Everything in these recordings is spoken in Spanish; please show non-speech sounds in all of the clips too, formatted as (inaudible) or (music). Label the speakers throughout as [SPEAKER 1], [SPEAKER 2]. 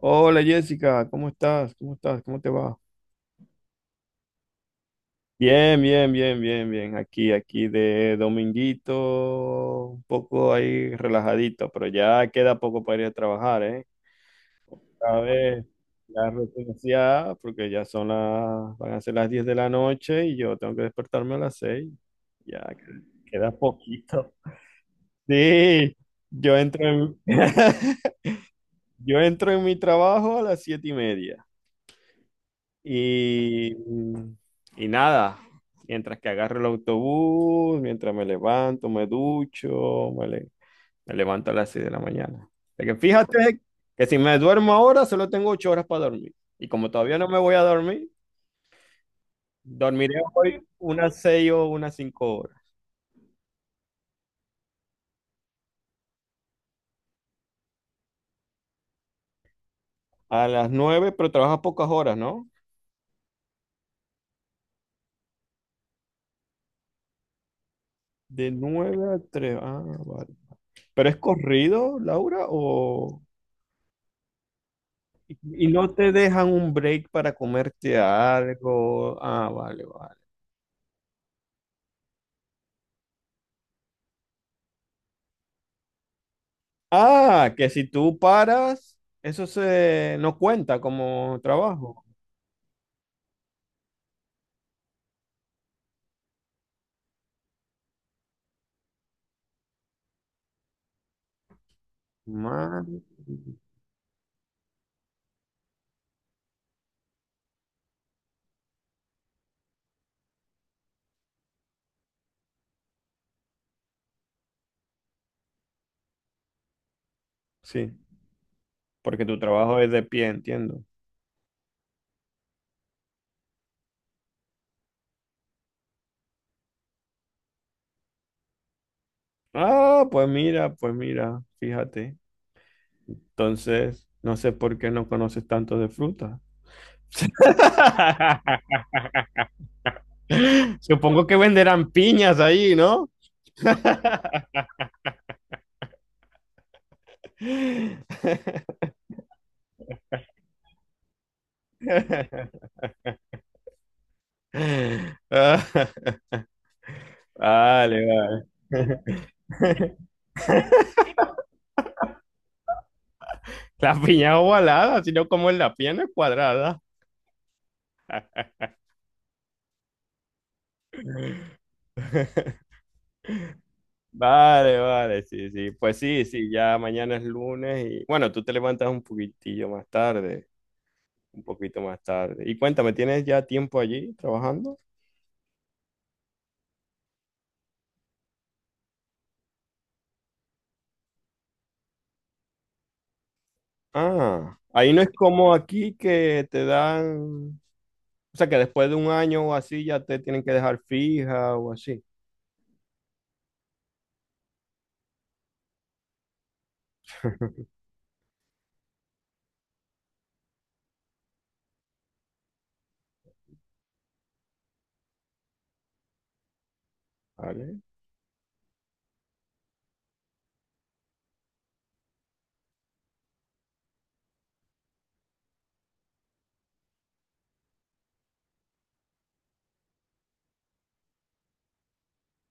[SPEAKER 1] Hola Jessica, ¿cómo estás? ¿Cómo estás? ¿Cómo te va? Bien, bien, bien, bien, bien. Aquí de dominguito, un poco ahí relajadito, pero ya queda poco para ir a trabajar, ¿eh? Cada vez ya referenciada, porque ya van a ser las 10 de la noche y yo tengo que despertarme a las 6. Ya queda poquito. Sí, yo entro en, (laughs) yo entro en mi trabajo a las 7:30. Y, y nada, mientras que agarro el autobús, mientras me levanto, me ducho, me levanto a las 6 de la mañana. De que fíjate que si me duermo ahora, solo tengo 8 horas para dormir. Y como todavía no me voy a dormir, dormiré hoy unas 6 o unas 5 horas. A las 9 pero trabajas pocas horas, ¿no? De 9 a 3. Ah, vale. ¿Pero es corrido, Laura, o...? Y no te dejan un break para comerte algo. Ah, vale, vale. Ah, que si tú paras, eso se no cuenta como trabajo. Man. Sí, porque tu trabajo es de pie, entiendo. Ah, pues mira, fíjate. Entonces, no sé por qué no conoces tanto de fruta. (laughs) Supongo que venderán piñas ahí, ¿no? (laughs) (laughs) Ah, vale, vale. (laughs) La piña es ovalada, sino como en la pierna es cuadrada. Vale, vale, sí, sí. Pues sí, sí, ya mañana es lunes y bueno, tú te levantas un poquitillo más tarde, un poquito más tarde. Y cuéntame, ¿tienes ya tiempo allí trabajando? Ah, ahí no es como aquí que te dan, o sea, que después de un año o así ya te tienen que dejar fija o así. (laughs) Vale,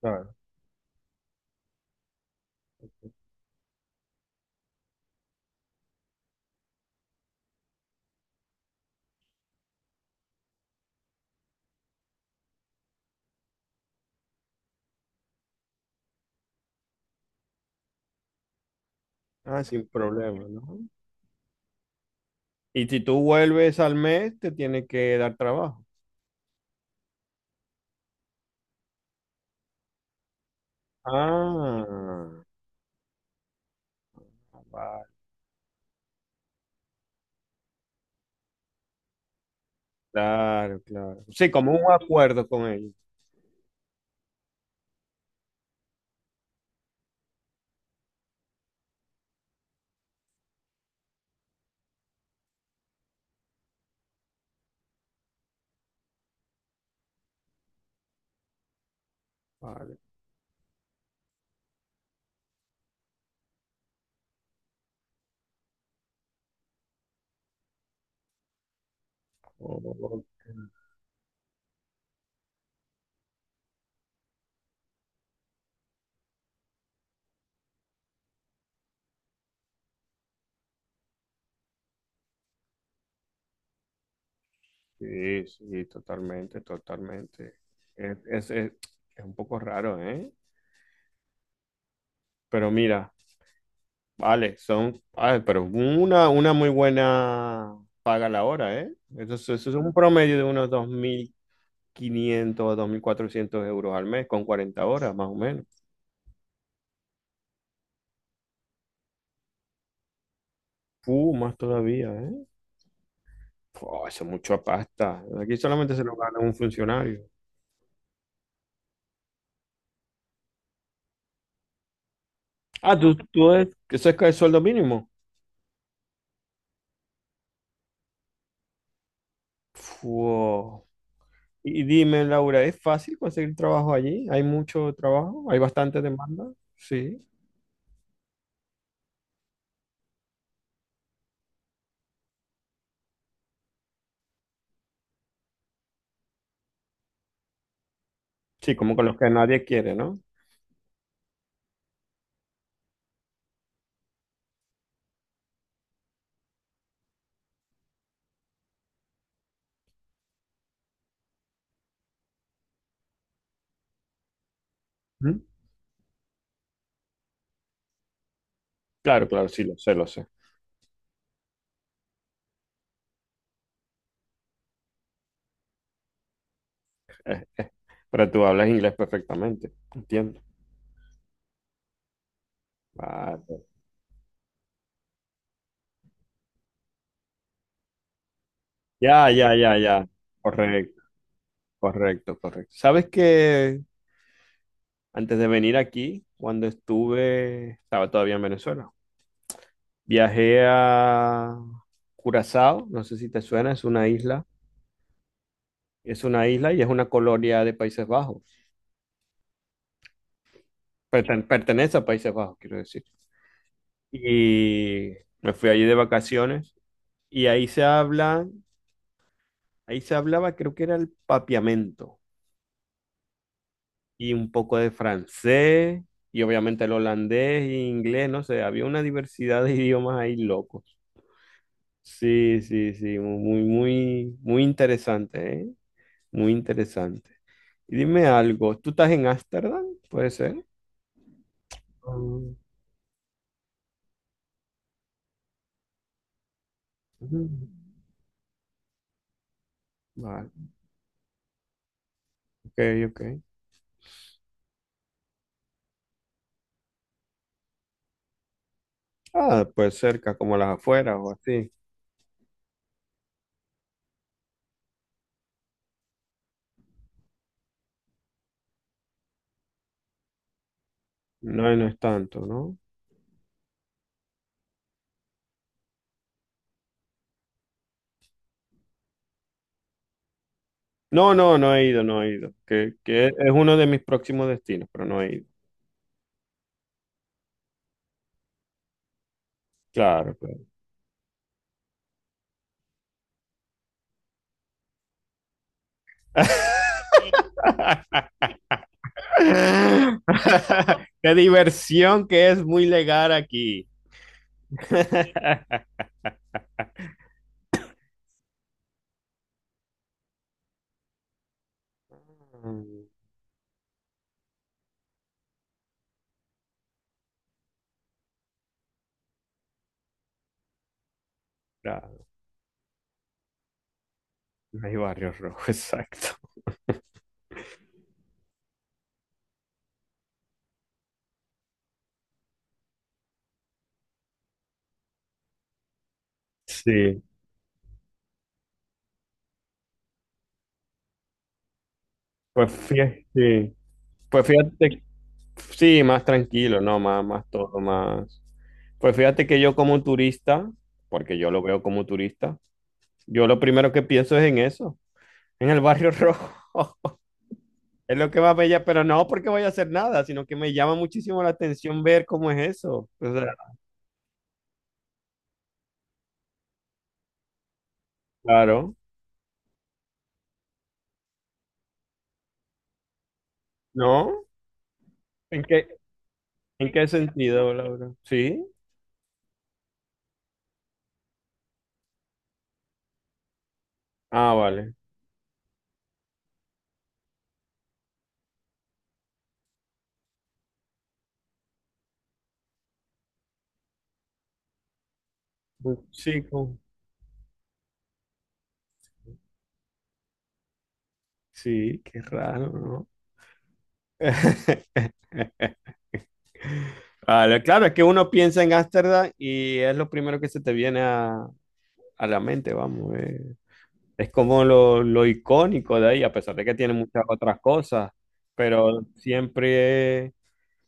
[SPEAKER 1] claro. Ah, sin problema, ¿no? Y si tú vuelves al mes, te tiene que dar trabajo. Ah, vale, claro, claro. Sí, como un acuerdo con ellos. Vale. Ok. Sí, sí, totalmente, totalmente. Es, es- es- es un poco raro, ¿eh? Pero mira, vale, ah, pero una muy buena paga la hora, ¿eh? Eso es un promedio de unos 2.500 a 400 euros al mes, con 40 horas, más o menos. Más todavía, ¿eh? Pua, eso es mucha pasta. Aquí solamente se lo gana un funcionario. Ah, tú es, eso es que el sueldo mínimo. Fua. Y dime, Laura, ¿es fácil conseguir trabajo allí? ¿Hay mucho trabajo? ¿Hay bastante demanda? Sí. Sí, como con los que nadie quiere, ¿no? ¿Mm? Claro, claro, sí, lo sé, lo sé. Pero tú hablas inglés perfectamente. Entiendo. Vale. Ya, ya, ya, ya. Correcto, correcto, correcto. ¿Sabes que antes de venir aquí, cuando estuve, estaba todavía en Venezuela? Viajé a Curazao, no sé si te suena, es una isla y es una colonia de Países Bajos, pertenece a Países Bajos, quiero decir. Y me fui allí de vacaciones y ahí se habla, ahí se hablaba, creo que era el papiamento y un poco de francés y obviamente el holandés e inglés, no sé, había una diversidad de (laughs) idiomas ahí locos. Sí, sí, sí, muy, muy, muy interesante, ¿eh? Muy interesante. Y dime algo, ¿tú estás en Ámsterdam? ¿Puede ser? Mm, ujú. Vale, ok, ok. Ah, pues cerca, como las afueras o así. No, no es tanto, ¿no? No, no, no he ido, no he ido. Que es uno de mis próximos destinos, pero no he ido. Claro, claro. (laughs) Qué diversión que es muy legal aquí. (laughs) Mm, claro, no hay barrio rojo, (laughs) exacto. Sí. Pues fíjate, sí. Pues fíjate, sí, más tranquilo, no, más, más todo, más. Pues fíjate que yo como turista, porque yo lo veo como turista, yo lo primero que pienso es en eso, en el Barrio Rojo. (laughs) Es lo que más me llama, pero no porque voy a hacer nada, sino que me llama muchísimo la atención ver cómo es eso. O sea, claro, ¿no? ¿En qué, en qué sentido, Laura? ¿Sí? Ah, vale. Sí, como- sí, qué raro, ¿no? (laughs) Vale, claro, es que uno piensa en Ámsterdam y es lo primero que se te viene a la mente, vamos. Eh. Es como lo icónico de ahí, a pesar de que tiene muchas otras cosas, pero siempre,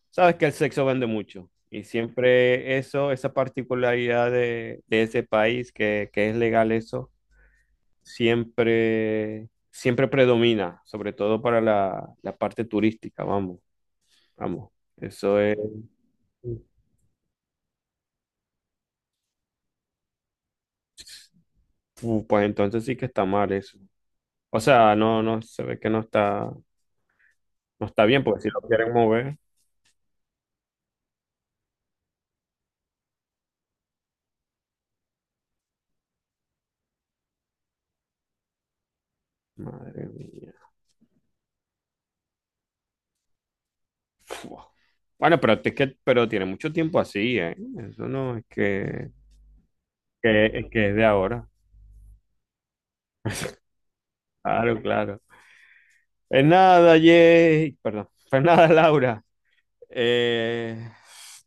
[SPEAKER 1] sabes que el sexo vende mucho y siempre eso, esa particularidad de ese país que es legal eso, siempre, siempre predomina, sobre todo para la parte turística, vamos, vamos. Eso es... pues entonces sí que está mal eso. O sea, no, no, se ve que no está, no está bien, porque si lo quieren mover, madre mía. Fua. Bueno, pero es que, pero tiene mucho tiempo así, ¿eh? Eso no es es que es de ahora. Claro, claro. Es nada, Jay. Perdón. (laughs) Pues nada, Laura. Eh,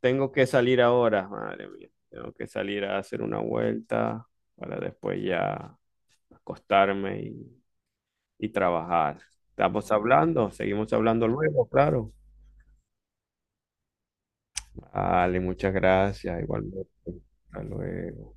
[SPEAKER 1] tengo que salir ahora, madre mía. Tengo que salir a hacer una vuelta para después ya acostarme y trabajar. Estamos hablando, seguimos hablando luego, claro. Vale, muchas gracias, igualmente. Hasta luego.